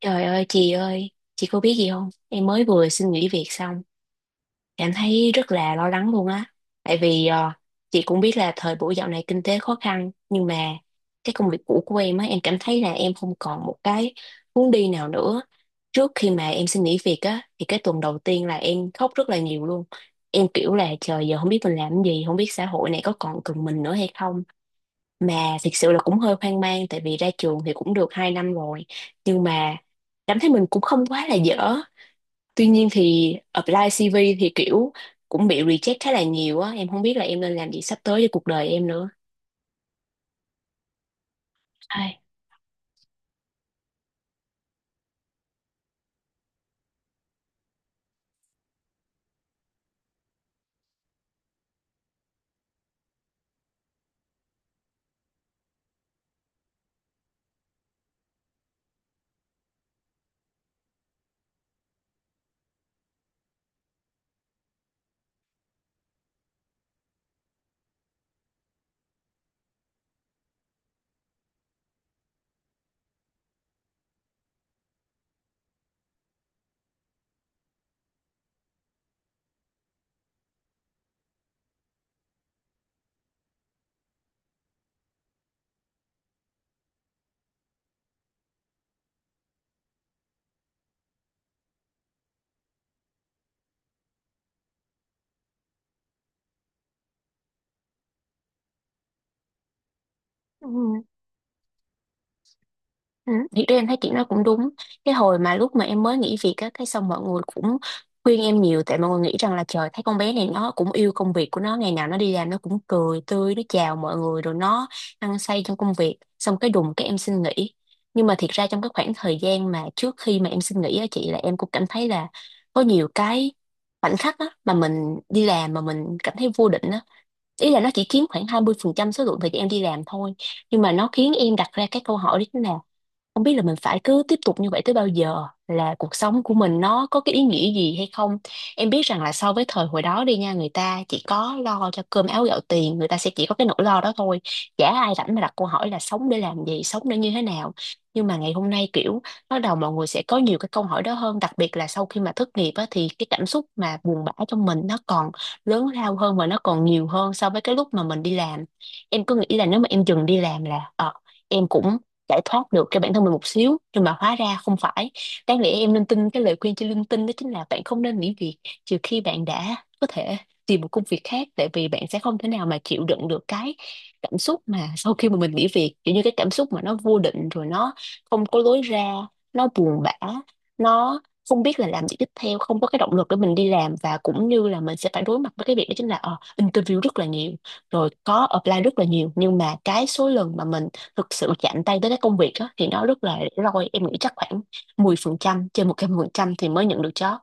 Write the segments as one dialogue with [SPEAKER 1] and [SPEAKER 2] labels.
[SPEAKER 1] Trời ơi, chị có biết gì không? Em mới vừa xin nghỉ việc xong, em thấy rất là lo lắng luôn á. Tại vì chị cũng biết là thời buổi dạo này kinh tế khó khăn, nhưng mà cái công việc cũ của em á, em cảm thấy là em không còn một cái hướng đi nào nữa. Trước khi mà em xin nghỉ việc á, thì cái tuần đầu tiên là em khóc rất là nhiều luôn. Em kiểu là trời giờ không biết mình làm cái gì, không biết xã hội này có còn cần mình nữa hay không, mà thực sự là cũng hơi hoang mang tại vì ra trường thì cũng được 2 năm rồi, nhưng mà cảm thấy mình cũng không quá là dở. Tuy nhiên thì apply CV thì kiểu cũng bị reject khá là nhiều á, em không biết là em nên làm gì sắp tới cho cuộc đời em nữa. Ai. Ừ. Ừ, thì em thấy chị nói cũng đúng. Cái hồi mà lúc mà em mới nghỉ việc á, cái xong mọi người cũng khuyên em nhiều, tại mọi người nghĩ rằng là trời thấy con bé này nó cũng yêu công việc của nó, ngày nào nó đi làm nó cũng cười tươi, nó chào mọi người rồi nó hăng say trong công việc. Xong cái đùng cái em xin nghỉ. Nhưng mà thiệt ra trong cái khoảng thời gian mà trước khi mà em xin nghỉ á chị, là em cũng cảm thấy là có nhiều cái khoảnh khắc á mà mình đi làm mà mình cảm thấy vô định á. Ý là nó chỉ chiếm khoảng 20% số lượng thời gian em đi làm thôi, nhưng mà nó khiến em đặt ra cái câu hỏi đó là không biết là mình phải cứ tiếp tục như vậy tới bao giờ, là cuộc sống của mình nó có cái ý nghĩa gì hay không. Em biết rằng là so với thời hồi đó đi nha, người ta chỉ có lo cho cơm áo gạo tiền, người ta sẽ chỉ có cái nỗi lo đó thôi, chả ai rảnh mà đặt câu hỏi là sống để làm gì, sống để như thế nào. Nhưng mà ngày hôm nay kiểu bắt đầu mọi người sẽ có nhiều cái câu hỏi đó hơn, đặc biệt là sau khi mà thất nghiệp á, thì cái cảm xúc mà buồn bã trong mình nó còn lớn lao hơn và nó còn nhiều hơn so với cái lúc mà mình đi làm. Em cứ nghĩ là nếu mà em dừng đi làm là em cũng giải thoát được cho bản thân mình một xíu, nhưng mà hóa ra không phải. Đáng lẽ em nên tin cái lời khuyên trên LinkedIn, đó chính là bạn không nên nghỉ việc trừ khi bạn đã có thể tìm một công việc khác, tại vì bạn sẽ không thể nào mà chịu đựng được cái cảm xúc mà sau khi mà mình nghỉ việc, kiểu như cái cảm xúc mà nó vô định rồi nó không có lối ra, nó buồn bã, nó không biết là làm gì tiếp theo, không có cái động lực để mình đi làm, và cũng như là mình sẽ phải đối mặt với cái việc đó chính là interview rất là nhiều, rồi có apply rất là nhiều, nhưng mà cái số lần mà mình thực sự mà chạm tay tới cái công việc á thì nó rất là rủi ro. Em nghĩ chắc khoảng 10% trên 100% thì mới nhận được job.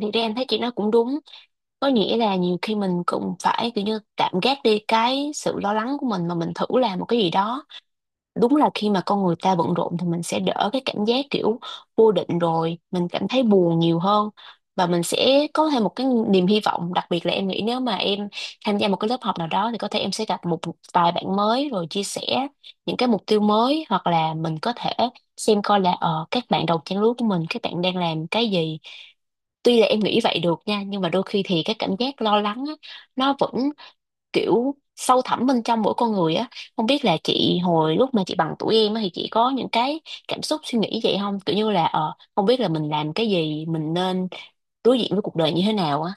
[SPEAKER 1] Thì ra em thấy chị nói cũng đúng, có nghĩa là nhiều khi mình cũng phải kiểu như tạm gác đi cái sự lo lắng của mình mà mình thử làm một cái gì đó. Đúng là khi mà con người ta bận rộn thì mình sẽ đỡ cái cảm giác kiểu vô định rồi mình cảm thấy buồn nhiều hơn, và mình sẽ có thêm một cái niềm hy vọng. Đặc biệt là em nghĩ nếu mà em tham gia một cái lớp học nào đó thì có thể em sẽ gặp một vài bạn mới rồi chia sẻ những cái mục tiêu mới, hoặc là mình có thể xem coi là các bạn đồng trang lứa của mình các bạn đang làm cái gì. Tuy là em nghĩ vậy được nha, nhưng mà đôi khi thì cái cảm giác lo lắng á, nó vẫn kiểu sâu thẳm bên trong mỗi con người á. Không biết là chị hồi lúc mà chị bằng tuổi em á thì chị có những cái cảm xúc suy nghĩ vậy không, kiểu như là không biết là mình làm cái gì, mình nên đối diện với cuộc đời như thế nào á.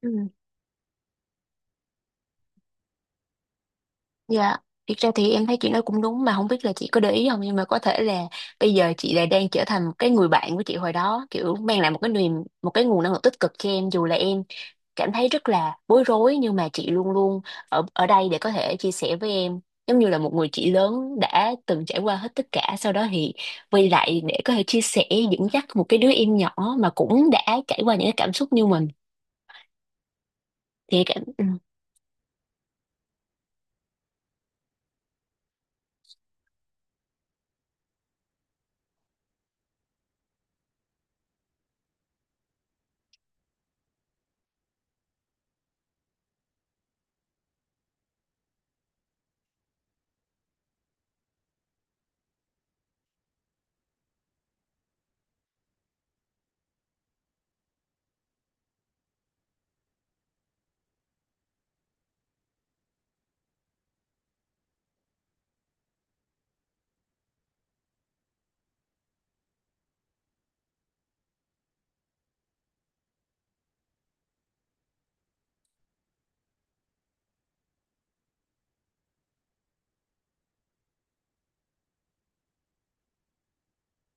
[SPEAKER 1] Ừ. Dạ, thiệt ra thì em thấy chị nói cũng đúng, mà không biết là chị có để ý không, nhưng mà có thể là bây giờ chị lại đang trở thành một cái người bạn của chị hồi đó, kiểu mang lại một cái niềm, một cái nguồn năng lượng tích cực cho em. Dù là em cảm thấy rất là bối rối, nhưng mà chị luôn luôn ở ở đây để có thể chia sẻ với em, giống như là một người chị lớn đã từng trải qua hết tất cả, sau đó thì quay lại để có thể chia sẻ dẫn dắt một cái đứa em nhỏ mà cũng đã trải qua những cái cảm xúc như mình. Thì cảm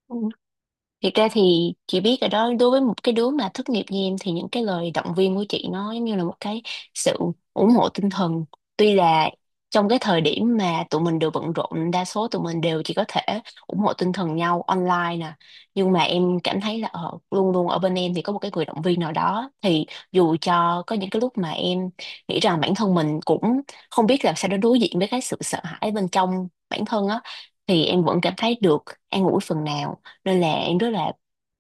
[SPEAKER 1] Ừ. Thiệt ra thì chị biết rồi đó, đối với một cái đứa mà thất nghiệp như em thì những cái lời động viên của chị nó giống như là một cái sự ủng hộ tinh thần. Tuy là trong cái thời điểm mà tụi mình đều bận rộn, đa số tụi mình đều chỉ có thể ủng hộ tinh thần nhau online nè. Nhưng mà em cảm thấy là luôn luôn ở bên em thì có một cái người động viên nào đó. Thì dù cho có những cái lúc mà em nghĩ rằng bản thân mình cũng không biết là sao đối diện với cái sự sợ hãi bên trong bản thân á, thì em vẫn cảm thấy được an ủi phần nào, nên là em rất là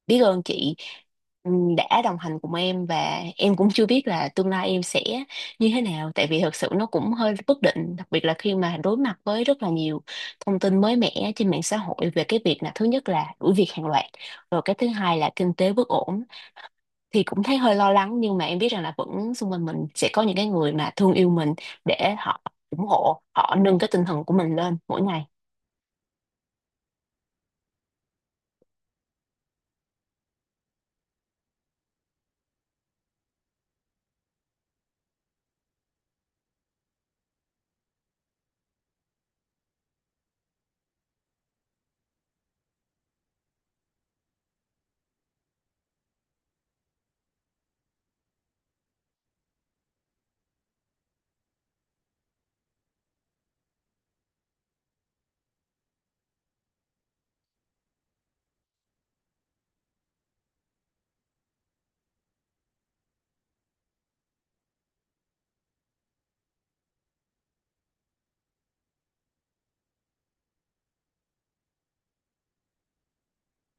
[SPEAKER 1] biết ơn chị, đã đồng hành cùng em. Và em cũng chưa biết là tương lai em sẽ như thế nào, tại vì thật sự nó cũng hơi bất định, đặc biệt là khi mà đối mặt với rất là nhiều thông tin mới mẻ trên mạng xã hội về cái việc là, thứ nhất là đuổi việc hàng loạt, rồi cái thứ hai là kinh tế bất ổn, thì cũng thấy hơi lo lắng. Nhưng mà em biết rằng là vẫn xung quanh mình sẽ có những cái người mà thương yêu mình để họ ủng hộ, họ nâng cái tinh thần của mình lên mỗi ngày.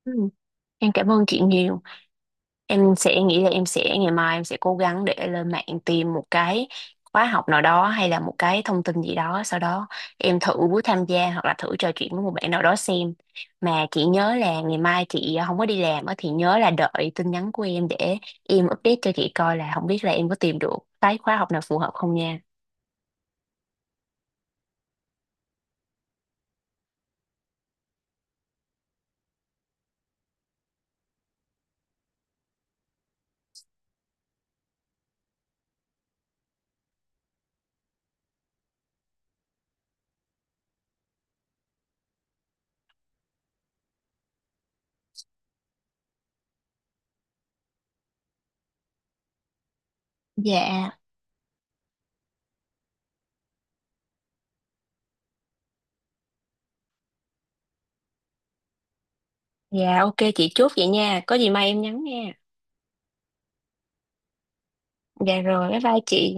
[SPEAKER 1] Ừm, em cảm ơn chị nhiều. Em sẽ nghĩ là em sẽ ngày mai em sẽ cố gắng để lên mạng tìm một cái khóa học nào đó, hay là một cái thông tin gì đó, sau đó em thử tham gia hoặc là thử trò chuyện với một bạn nào đó xem. Mà chị nhớ là ngày mai chị không có đi làm á thì nhớ là đợi tin nhắn của em, để em update cho chị coi là không biết là em có tìm được cái khóa học nào phù hợp không nha. Dạ, dạ ok chị chốt vậy nha. Có gì mai em nhắn nha. Dạ rồi, bye bye chị.